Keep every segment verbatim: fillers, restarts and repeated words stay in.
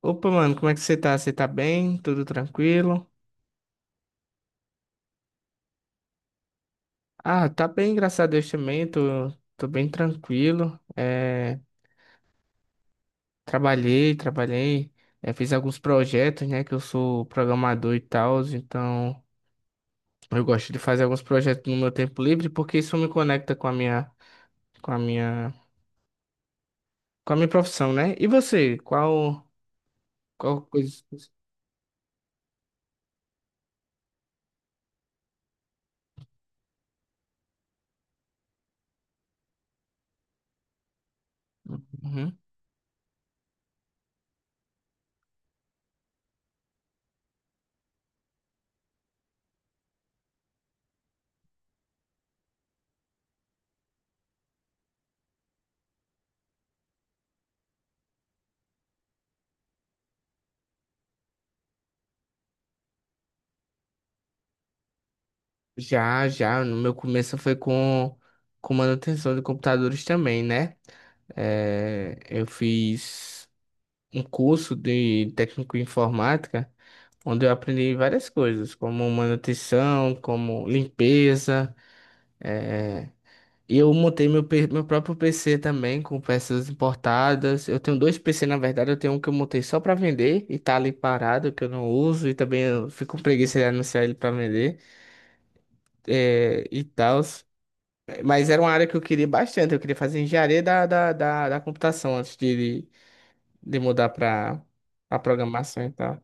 Opa, mano, como é que você tá? Você tá bem? Tudo tranquilo? Ah, tá bem, graças a Deus também, tô, tô bem tranquilo. É, trabalhei, trabalhei, é, fiz alguns projetos, né, que eu sou programador e tal, então eu gosto de fazer alguns projetos no meu tempo livre, porque isso me conecta com a minha, com a minha, com a minha profissão, né? E você, qual, qual coisa. Uhum. Já, já, no meu começo foi com, com manutenção de computadores também, né? É, eu fiz um curso de técnico em informática, onde eu aprendi várias coisas, como manutenção, como limpeza. É, E eu montei meu, pe- meu próprio P C também, com peças importadas. Eu tenho dois P C, na verdade, eu tenho um que eu montei só para vender e tá ali parado, que eu não uso, e também eu fico com preguiça de anunciar ele para vender, é, e tal. Mas era uma área que eu queria bastante, eu queria fazer engenharia da, da, da, da computação antes de de mudar para a programação e tal.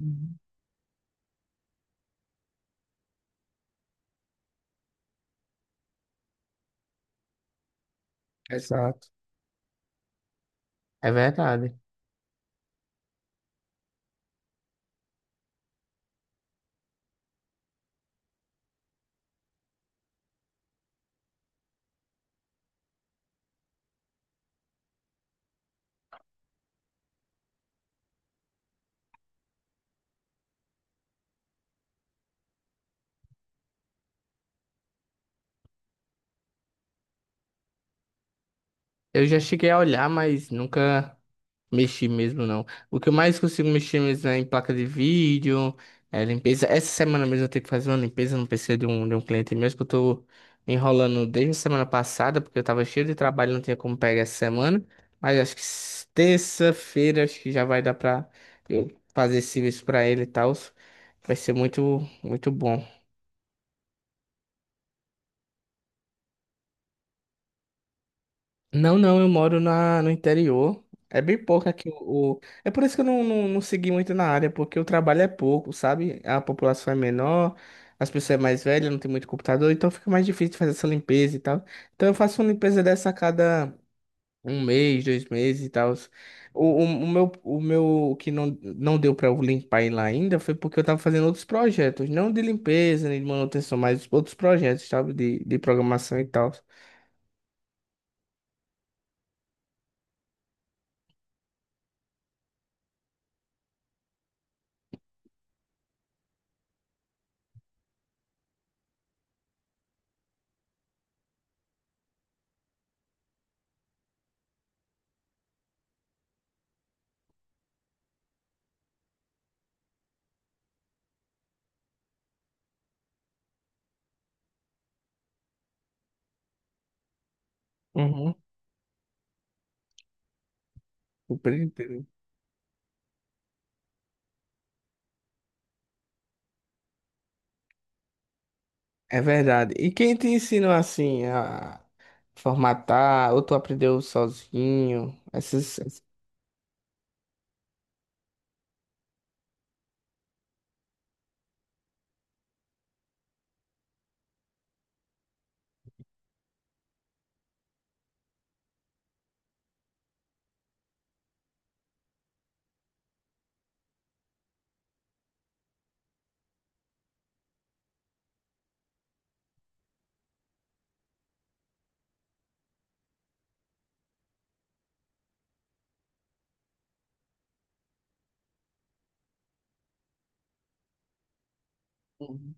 Uhum. Exato. É verdade. Eu já cheguei a olhar, mas nunca mexi mesmo, não. O que eu mais consigo mexer mesmo é em placa de vídeo, é limpeza. Essa semana mesmo eu tenho que fazer uma limpeza no P C de um, de um cliente mesmo, que eu tô enrolando desde a semana passada, porque eu tava cheio de trabalho, não tinha como pegar essa semana. Mas acho que s- terça-feira acho que já vai dar pra eu fazer esse serviço pra ele e tal. Vai ser muito, muito bom. Não, não, eu moro na, no interior. É bem pouco aqui. o, o- É por isso que eu não, não, não segui muito na área, porque o trabalho é pouco, sabe? A população é menor, as pessoas é mais velhas, não tem muito computador, então fica mais difícil de fazer essa limpeza e tal. Então eu faço uma limpeza dessa a cada um mês, dois meses e tal. O, o, o meu, o meu o que não, não deu pra eu limpar ele ainda foi porque eu tava fazendo outros projetos, não de limpeza, nem de manutenção, mas outros projetos, sabe? De, de programação e tal. Uhum. Compreendi. É verdade. E quem te ensinou assim a formatar, ou tu aprendeu sozinho? Essas... essas- Uhum.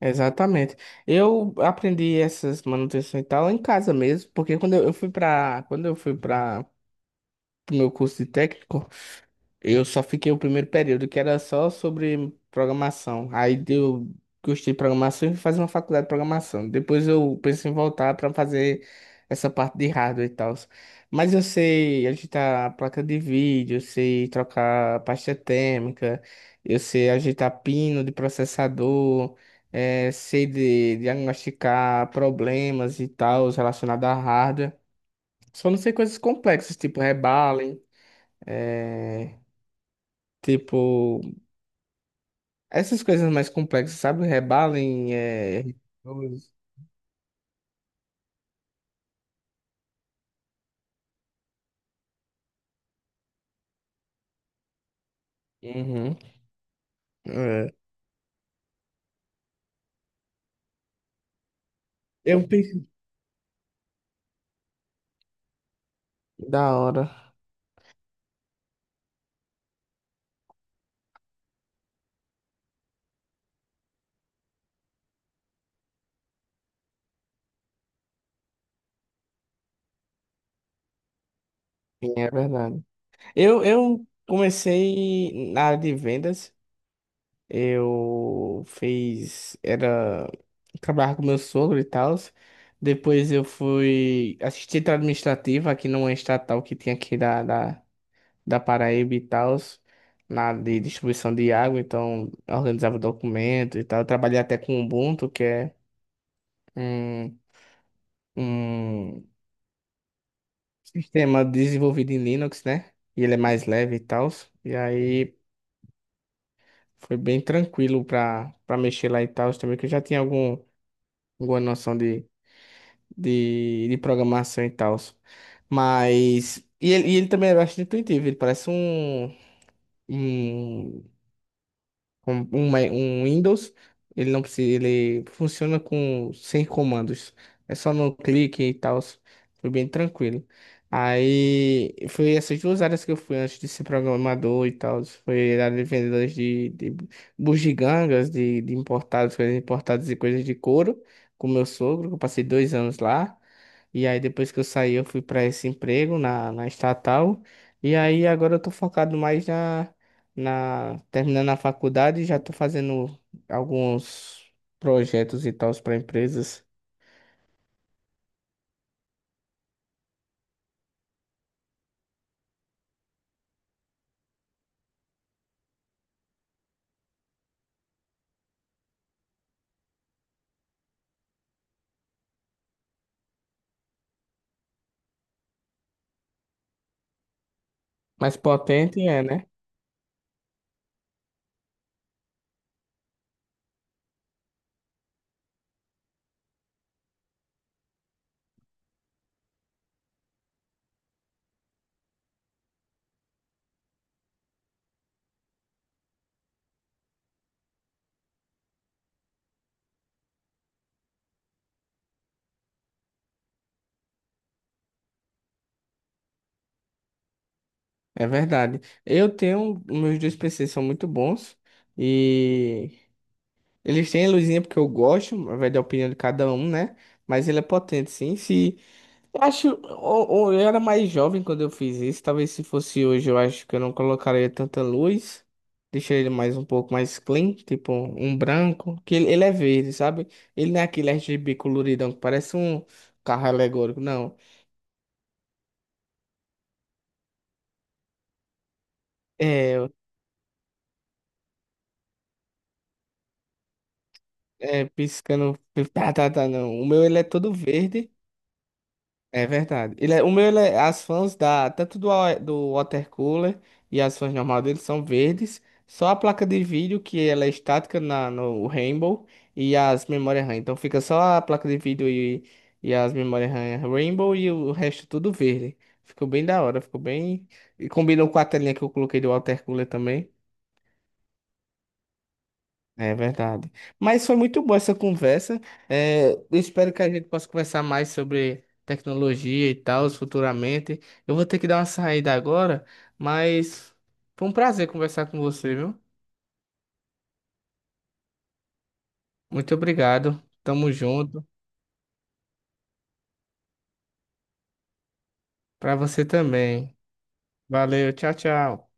Exatamente. Eu aprendi essas manutenções e tal em casa mesmo, porque quando eu eu fui para quando eu fui para o meu curso de técnico, eu só fiquei o primeiro período, que era só sobre programação. Aí deu, gostei de programação e fui fazer uma faculdade de programação. Depois eu pensei em voltar para fazer essa parte de hardware e tal. Mas eu sei agitar placa de vídeo, eu sei trocar a pasta térmica, eu sei agitar pino de processador, eh, sei de diagnosticar problemas e tal relacionados a hardware. Só não sei coisas complexas, tipo rebalem, eh, tipo. Essas coisas mais complexas, sabe? Rebalem, é. Rose. Uhum. É. Eu pensei. Da hora. Sim, é verdade. Eu, eu comecei na área de vendas. Eu fiz. Era. Trabalhava com meu sogro e tal. Depois eu fui assistente administrativa aqui numa estatal que tinha aqui da, da, da Paraíba e tal. Na área de distribuição de água. Então, eu organizava documento e tal. Eu trabalhei até com Ubuntu, que é um, um sistema desenvolvido em Linux, né? E ele é mais leve e tal. E aí foi bem tranquilo para para mexer lá e tal também, que eu já tinha algum, alguma noção de, de, de programação e tal. Mas. E ele, e ele também é bastante intuitivo, ele parece um, um com um, Ma- um Windows, ele não precisa, ele funciona com sem comandos. É só no clique e tal. Foi bem tranquilo. Aí foi essas duas áreas que eu fui antes de ser programador e tal. Foi a área de vendedores de, de bugigangas, de, de importados, coisas importadas e coisas de couro, com meu sogro, que eu passei dois anos lá. E aí depois que eu saí, eu fui para esse emprego na, na estatal. E aí agora eu tô focado mais na na terminando a faculdade, já tô fazendo alguns projetos e tals para empresas. Mais potente é, né? É verdade. Eu tenho, meus dois P Cs são muito bons e eles têm a luzinha porque eu gosto, vai da opinião de cada um, né? Mas ele é potente, sim. Se Eu Acho, ou, ou eu era mais jovem quando eu fiz isso. Talvez se fosse hoje, eu acho que eu não colocaria tanta luz. Deixaria ele mais um pouco mais clean, tipo um branco, que ele, ele é verde, sabe? Ele não é aquele R G B coloridão que parece um carro alegórico, não. É, é piscando, tá, tá, tá, não. O meu ele é todo verde. É verdade. Ele é, o meu, ele é- as fãs da, tanto do, wa- do water cooler e as fãs normais dele são verdes. Só a placa de vídeo, que ela é estática na, no Rainbow, e as memórias RAM. Então fica só a placa de vídeo e, e as memórias RAM Rainbow e o resto tudo verde. Ficou bem da hora, ficou bem. E combinou com a telinha que eu coloquei do water cooler também. É verdade. Mas foi muito boa essa conversa. É, eu espero que a gente possa conversar mais sobre tecnologia e tal futuramente. Eu vou ter que dar uma saída agora, mas foi um prazer conversar com você, viu? Muito obrigado. Tamo junto. Pra você também. Valeu, tchau, tchau.